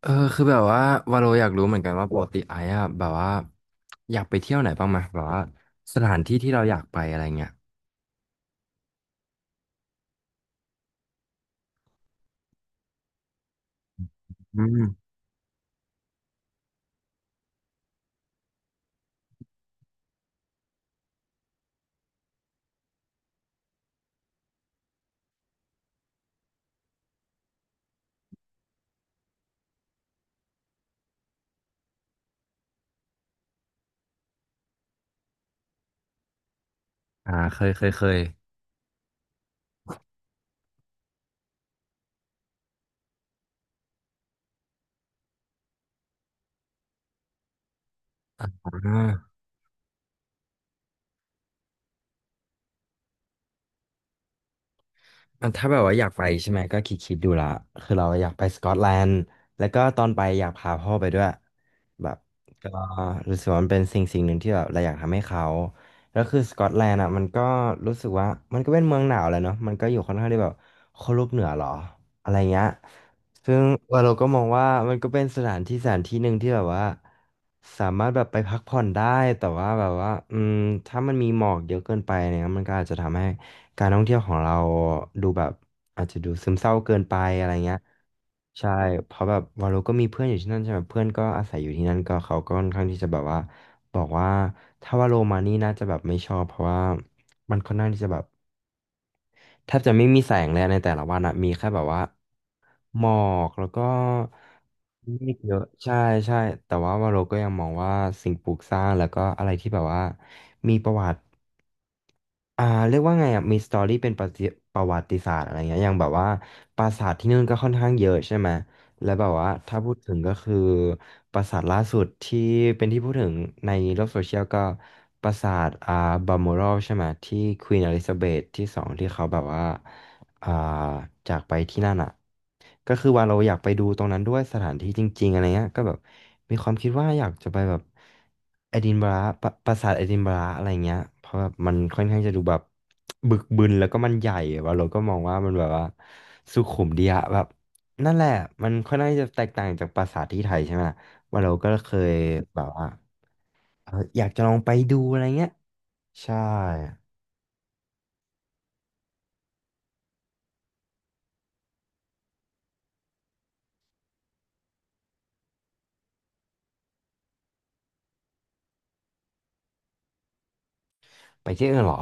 คือแบบว่าวาโลอยากรู้เหมือนกันว่าปกติไอ้อะแบบว่าอยากไปเที่ยวไหนบ้างไหมแบบว่าสถานที่ที่เราอยากไปอะไรเงี้ยอืมอ่าเคยเคยเคยอ่า อันถ้าแบบว่าอยากไปใช่ไหมก็คิดดูละคือเราอยากไปสกอตแลนด์แล้วก็ตอนไปอยากพาพ่อไปด้วยแบบก็รู้สึกว่ามันเป็นสิ่งสิ่งหนึ่งที่แบบเราอยากทำให้เขาแล้วคือสกอตแลนด์อ่ะมันก็รู้สึกว่ามันก็เป็นเมืองหนาวแหละเนาะมันก็อยู่ค่อนข้างที่แบบขั้วโลกเหนือหรออะไรเงี้ยซึ่งเราก็มองว่ามันก็เป็นสถานที่สถานที่หนึ่งที่แบบว่าสามารถแบบไปพักผ่อนได้แต่ว่าแบบว่าถ้ามันมีหมอกเยอะเกินไปเนี่ยมันก็อาจจะทำให้ การท่องเที่ยวของเราดูแบบอาจจะดูซึมเศร้าเกินไปอะไรเงี้ยใช่เพราะแบบวาโลก็มีเพื่อนอยู่ที่นั่นใช่ไหมเพื่อนก็อาศัยอยู่ที่นั่นก็เขาก็ค่อนข้างที่จะแบบว่าบอกว่าถ้าวาโลมานี่น่าจะแบบไม่ชอบเพราะว่ามันค่อนข้างที่จะแบบแทบจะไม่มีแสงเลยในแต่ละวันอะมีแค่แบบว่าหมอกแล้วก็เมฆเยอะใช่ใช่แต่ว่าวาโลก็ยังมองว่าสิ่งปลูกสร้างแล้วก็อะไรที่แบบว่ามีประวัติ อ่าเรียกว่าไงอ่ะมีสตอรี่เป็นประจิประวัติศาสตร์อะไรเงี้ยอย่างแบบว่าปราสาทที่นู่นก็ค่อนข้างเยอะใช่ไหมแล้วแบบว่าถ้าพูดถึงก็คือปราสาทล่าสุดที่เป็นที่พูดถึงในโลกโซเชียลก็ปราสาทบัลมอรัลใช่ไหมที่ควีนอลิซาเบธที่สองที่เขาแบบว่า อ่าจากไปที่นั่นอ่ะก็คือว่าเราอยากไปดูตรงนั้นด้วยสถานที่จริงๆอะไรเงี้ยก็แบบมีความคิดว่าอยากจะไปแบบเอดินบะระปะปราสาทเอดินบะระอะไรเงี้ยเพราะแบบมันค่อนข้างจะดูแบบบึกบึนแล้วก็มันใหญ่ว่าเราก็มองว่ามันแบบว่าสุขุมดีอะแบบนั่นแหละมันค่อนข้างจะแตกต่างจากปราสาทที่ไทยใช่ไหมล่ะว่าเราก็เคยแบบว่าเอออยากจะลองไปดูอะไรเงี้ยใช่ ไปที่อื่นเหรอ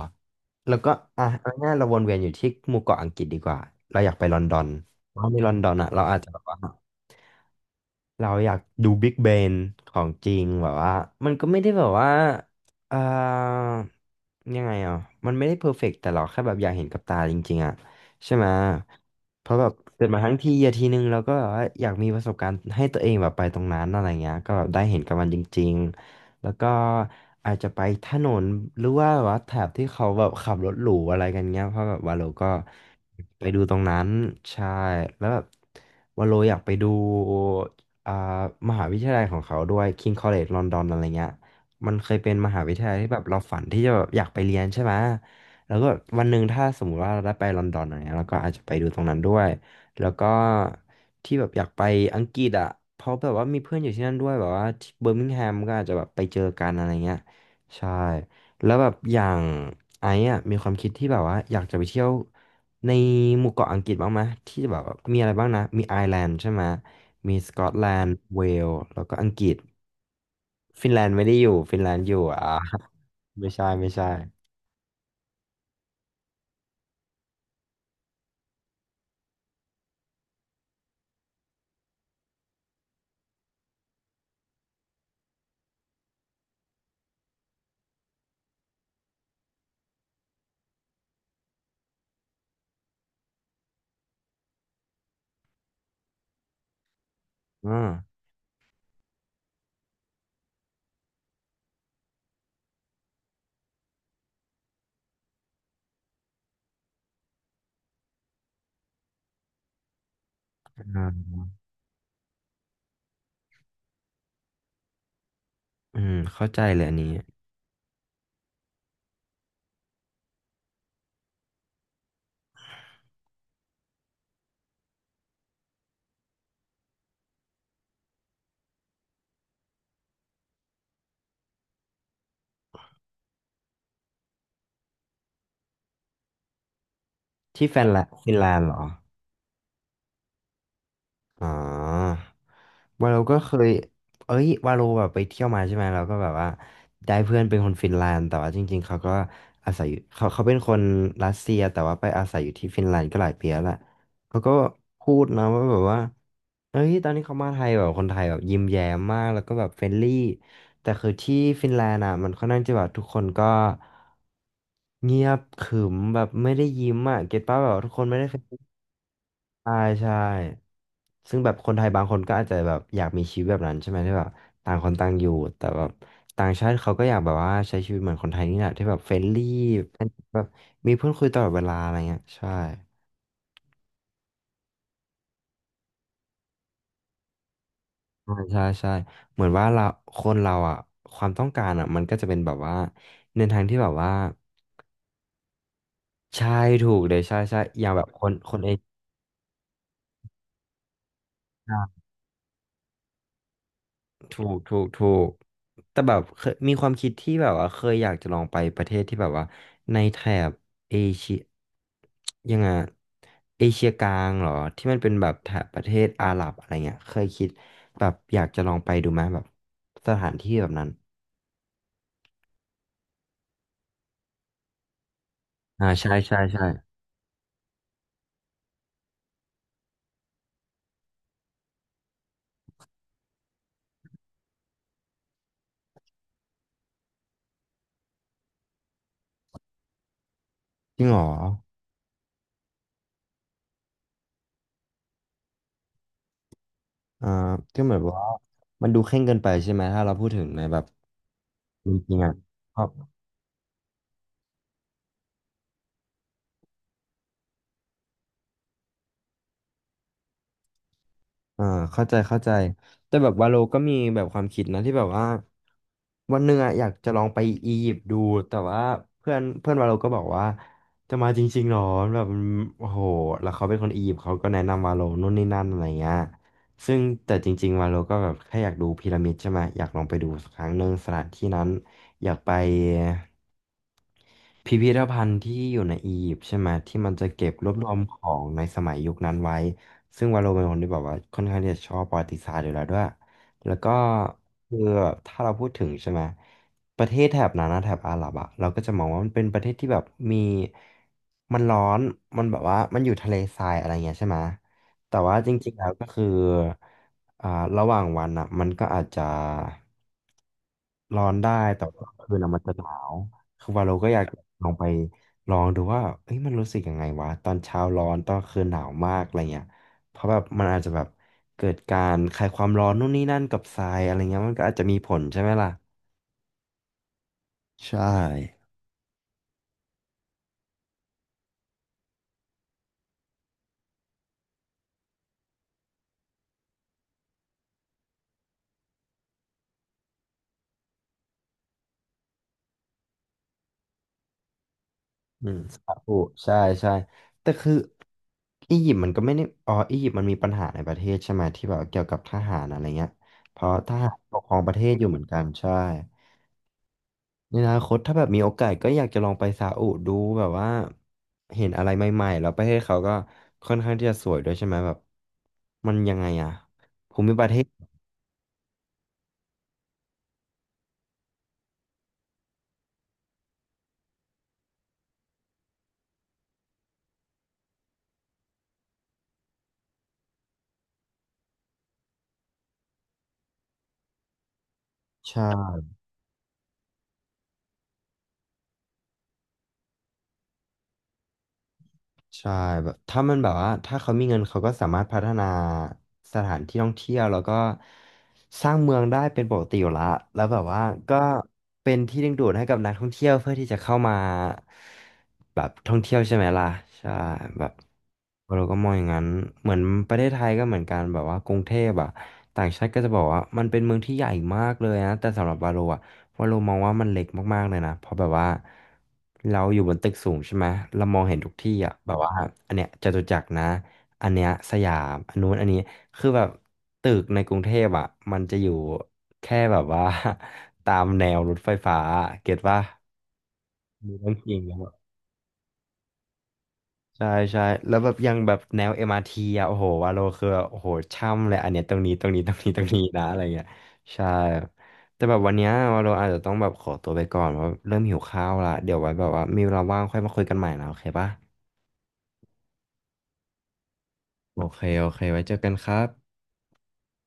แล้วก็อ่ะเอาง่ายๆเราวนเวียนอยู่ที่หมู่เกาะอังกฤษดีกว่า เราอยากไปลอนดอนเพราะในลอนดอนอ่ะเราอาจจะแบบว่า เราอยากดู Big b เ n นของจริงแบบว่ามันก็ไม่ได้แบบว่าเอ่อยังไงอ่ะมันไม่ได้เพอร์เฟกต์แต่เราแค่แบบอยากเห็นกับตาจริงๆอ่ะใช่ไหมเพราะแบบเกิดมาทั้งทีอะทีนึงเราก็แบบว่าอยากมีประสบการณ์ให้ตัวเองแบบไปตรงนั้นอะไรเงี้ยก็แบบได้เห็นกับมันจริงๆแล้วก็อาจจะไปถนนหรือว่าแบบว่าแถบที่เขาแบบขับรถหรูอะไรกันเงี้ยเพราะแบบวาโลก็ไปดูตรงนั้นใช่แล้วแบบวาโลอยากไปดู อ่ามหาวิทยาลัยของเขาด้วย King College London อะไรเงี้ยมันเคยเป็นมหาวิทยาลัยที่แบบเราฝันที่จะแบบอยากไปเรียนใช่ไหมแล้วก็วันหนึ่งถ้าสมมุติว่าเราได้ไปลอนดอนอะไรเงี้ยเราก็อาจจะไปดูตรงนั้นด้วยแล้วก็ที่แบบอยากไปอังกฤษอ่ะเพราะแบบว่ามีเพื่อนอยู่ที่นั่นด้วยแบบว่าที่เบอร์มิงแฮมก็อาจจะแบบไปเจอกันอะไรเงี้ยใช่แล้วแบบอย่างไอ้อะมีความคิดที่แบบว่าอยากจะไปเที่ยว ในหมู่เกาะอังกฤษบ้างไหมที่แบบว่ามีอะไรบ้างนะมีไอร์แลนด์ใช่ไหมมีสกอตแลนด์เวลส์แล้วก็อังกฤษฟินแลนด์ไม่ได้อยู่ฟินแลนด์อยู่อ่า ไม่ใช่ไม่ใช่อ่าอืมเข้าใจเลยอันนี้ที่แฟนแลนด์ฟินแลนด์เหรอ อ๋อวาโลก็เคยเอ้ยวาโลแบบไปเที่ยวมาใช่ไหมเราก็แบบว่าได้เพื่อนเป็นคนฟินแลนด์แต่ว่าจริงๆเขาก็อาศัยอยู่เขาเป็นคนรัสเซียแต่ว่าไปอาศัยอยู่ที่ฟินแลนด์ก็หลายปีแล้วแหละเขาก็พูดนะว่าแบบว่า เอ้ยตอนนี้เขามาไทยแบบคนไทยแบบยิ้มแย้มมาก แล้วก็แบบเฟรนลี่แต่คือที่ฟินแลนด์อ่ะมันค่อนข้างจะแบบทุกคนก็เงียบขรึมแบบไม่ได้ยิ้มอ่ะเก็ตป่ะแบบว่าทุกคนไม่ได้เฟรน ใช่ใช่ซึ่งแบบคนไทยบางคนก็อาจจะแบบอยากมีชีวิตแบบนั้นใช่ไหมที่แบบต่างคนต่างอยู่แต่แบบต่างชาติเขาก็อยากแบบว่าใช้ชีวิตเหมือนคนไทยนี่แหละที่แบบเฟรนลี่แบบมีเพื่อนคุยตลอดเวลาอะไรเงี้ยใช่ใช่ใช่ใช่เหมือนว่าเราคนเราอ่ะความต้องการอ่ะมันก็จะเป็นแบบว่าในทางที่แบบว่าใช่ถูกเลยใช่ใช่อย่างแบบคนเอเชีย ถูกถูกถูกแต่แบบเคยมีความคิดที่แบบว่าเคยอยากจะลองไปประเทศที่แบบว่าในแถบเอเชียยังไงอะเอเชียกลางเหรอที่มันเป็นแบบแถบประเทศอาหรับอะไรเงี้ยเคยคิดแบบอยากจะลองไปดูไหมแบบสถานที่แบบนั้นอ่าใช่ใช่ใช่จริงเหรออ่าก็เหมือนว่ามันดูเคร่งเกินไปใช่ไหมถ้าเราพูดถึงในแบบจริงๆอ่ะ อ่าเข้าใจเข้าใจแต่แบบวาโลก็มีแบบความคิดนะที่แบบว่าวันหนึ่งอะอยากจะลองไปอียิปต์ดูแต่ว่าเพื่อนเพื่อนวาโลก็บอกว่าจะมาจริงๆหรอแบบมันโอ้โหแล้วเขาเป็นคนอียิปต์เขาก็แนะนำวาโลนู่นนี่นั่นอะไรเงี้ยซึ่งแต่จริงๆวาโลก็แบบแค่อยากดูพีระมิดใช่ไหมอยากลองไปดูสักครั้งหนึ่งสถานที่นั้นอยากไปพิพิธภัณฑ์ที่อยู่ในอียิปต์ใช่ไหมที่มันจะเก็บรวบรวมของในสมัยยุคนั้นไว้ ซึ่งวาโลเป็นคนที่แบบว่าค่อนข้างที่จะชอบประวัติศาสตร์อยู่แล้วด้วย แล้วก็คือถ้าเราพูดถึงใช่ไหมประเทศแถบนั้นนะแถบอาหรับอะเราก็จะมองว่ามันเป็นประเทศที่แบบมีมันร้อนมันแบบว่ามันอยู่ทะเลทรายอะไรเงี้ยใช่ไหมแต่ว่าจริงๆแล้วก็คืออ่าระหว่างวันอะมันก็อาจจะร้อนได้แต่ว่าคืนอะมันจะหนาวคือวาโลก็อยากลองไปลองดูว่าเอ้ยมันรู้สึกยังไงวะตอนเช้าร้อนตอนคืนหนาวมากอะไรเงี้ย เพราะแบบมันอาจจะแบบเกิดการคลายความร้อนนู่นนี่นั่นกับทรายอะไรเงี้ยมันก็อาจจะมีผลใช่ไหมล่ะใช่อืมสาอุใช่ใช่แต่คืออียิปต์มันก็ไม่ได้อ๋ออียิปต์มันมีปัญหาในประเทศใช่ไหมที่แบบเกี่ยวกับทหารอะไรเงี้ยเพราะทหารปกครองประเทศอยู่เหมือนกันใช่ในอนาคตถ้าแบบมีโอกาสก็อยากจะลองไปซาอุดูแบบว่าเห็นอะไรใหม่ๆแล้วประเทศเขาก็ค่อนข้างที่จะสวยด้วยใช่ไหมแบบมันยังไงอะภูมิประเทศใช่ ใช่แบบถ้ามันแบบว่าถ้าเขามีเงินเขาก็สามารถพัฒนาสถานที่ท่องเที่ยวแล้วก็สร้างเมืองได้เป็นปกติอยู่ละแล้วแบบว่าก็เป็นที่ดึงดูดให้กับนักท่องเที่ยวเพื่อที่จะเข้ามาแบบท่องเที่ยวใช่ไหมล่ะใช่แบบเราก็มองอย่างนั้นเหมือนประเทศไทยก็เหมือนกันแบบว่ากรุงเทพอะต่างชาติก็จะบอกว่ามันเป็นเมืองที่ใหญ่มากเลยนะแต่สำหรับบาโลอะ ว่าเรามองว่ามันเล็กมากๆเลยนะ เพราะแบบว่าเราอยู่บนตึกสูงใช่ไหมเรามองเห็นทุกที่อ่ะแบบว่าอันเนี้ยจตุจักรนะอันเนี้ยสยามอันนู้นอันนี้คือแบบตึกในกรุงเทพอ่ะมันจะอยู่แค่แบบว่า ตามแนวรถไฟฟ้าเก็ตว่ามีต้องจริง ใช่ใช่แล้วแบบยังแบบแนว MRT อมอาร์ทีอ่ะโอ้โหวาโลคือโอ้โหช่ำเลยอันเนี้ยตรงนี้ตรงนี้ตรงนี้ตรงนี้นะอะไรเงี้ยใช่ครับแต่แบบวันเนี้ยวาโลอาจจะต้องแบบขอตัวไปก่อนเพราะเริ่มหิวข้าวละเดี๋ยวไว้แบบว่ามีเวลาว่างค่อยมาคุยกันใหม่นะโอเคปะโอเคโอเคไว้เจอกันครับ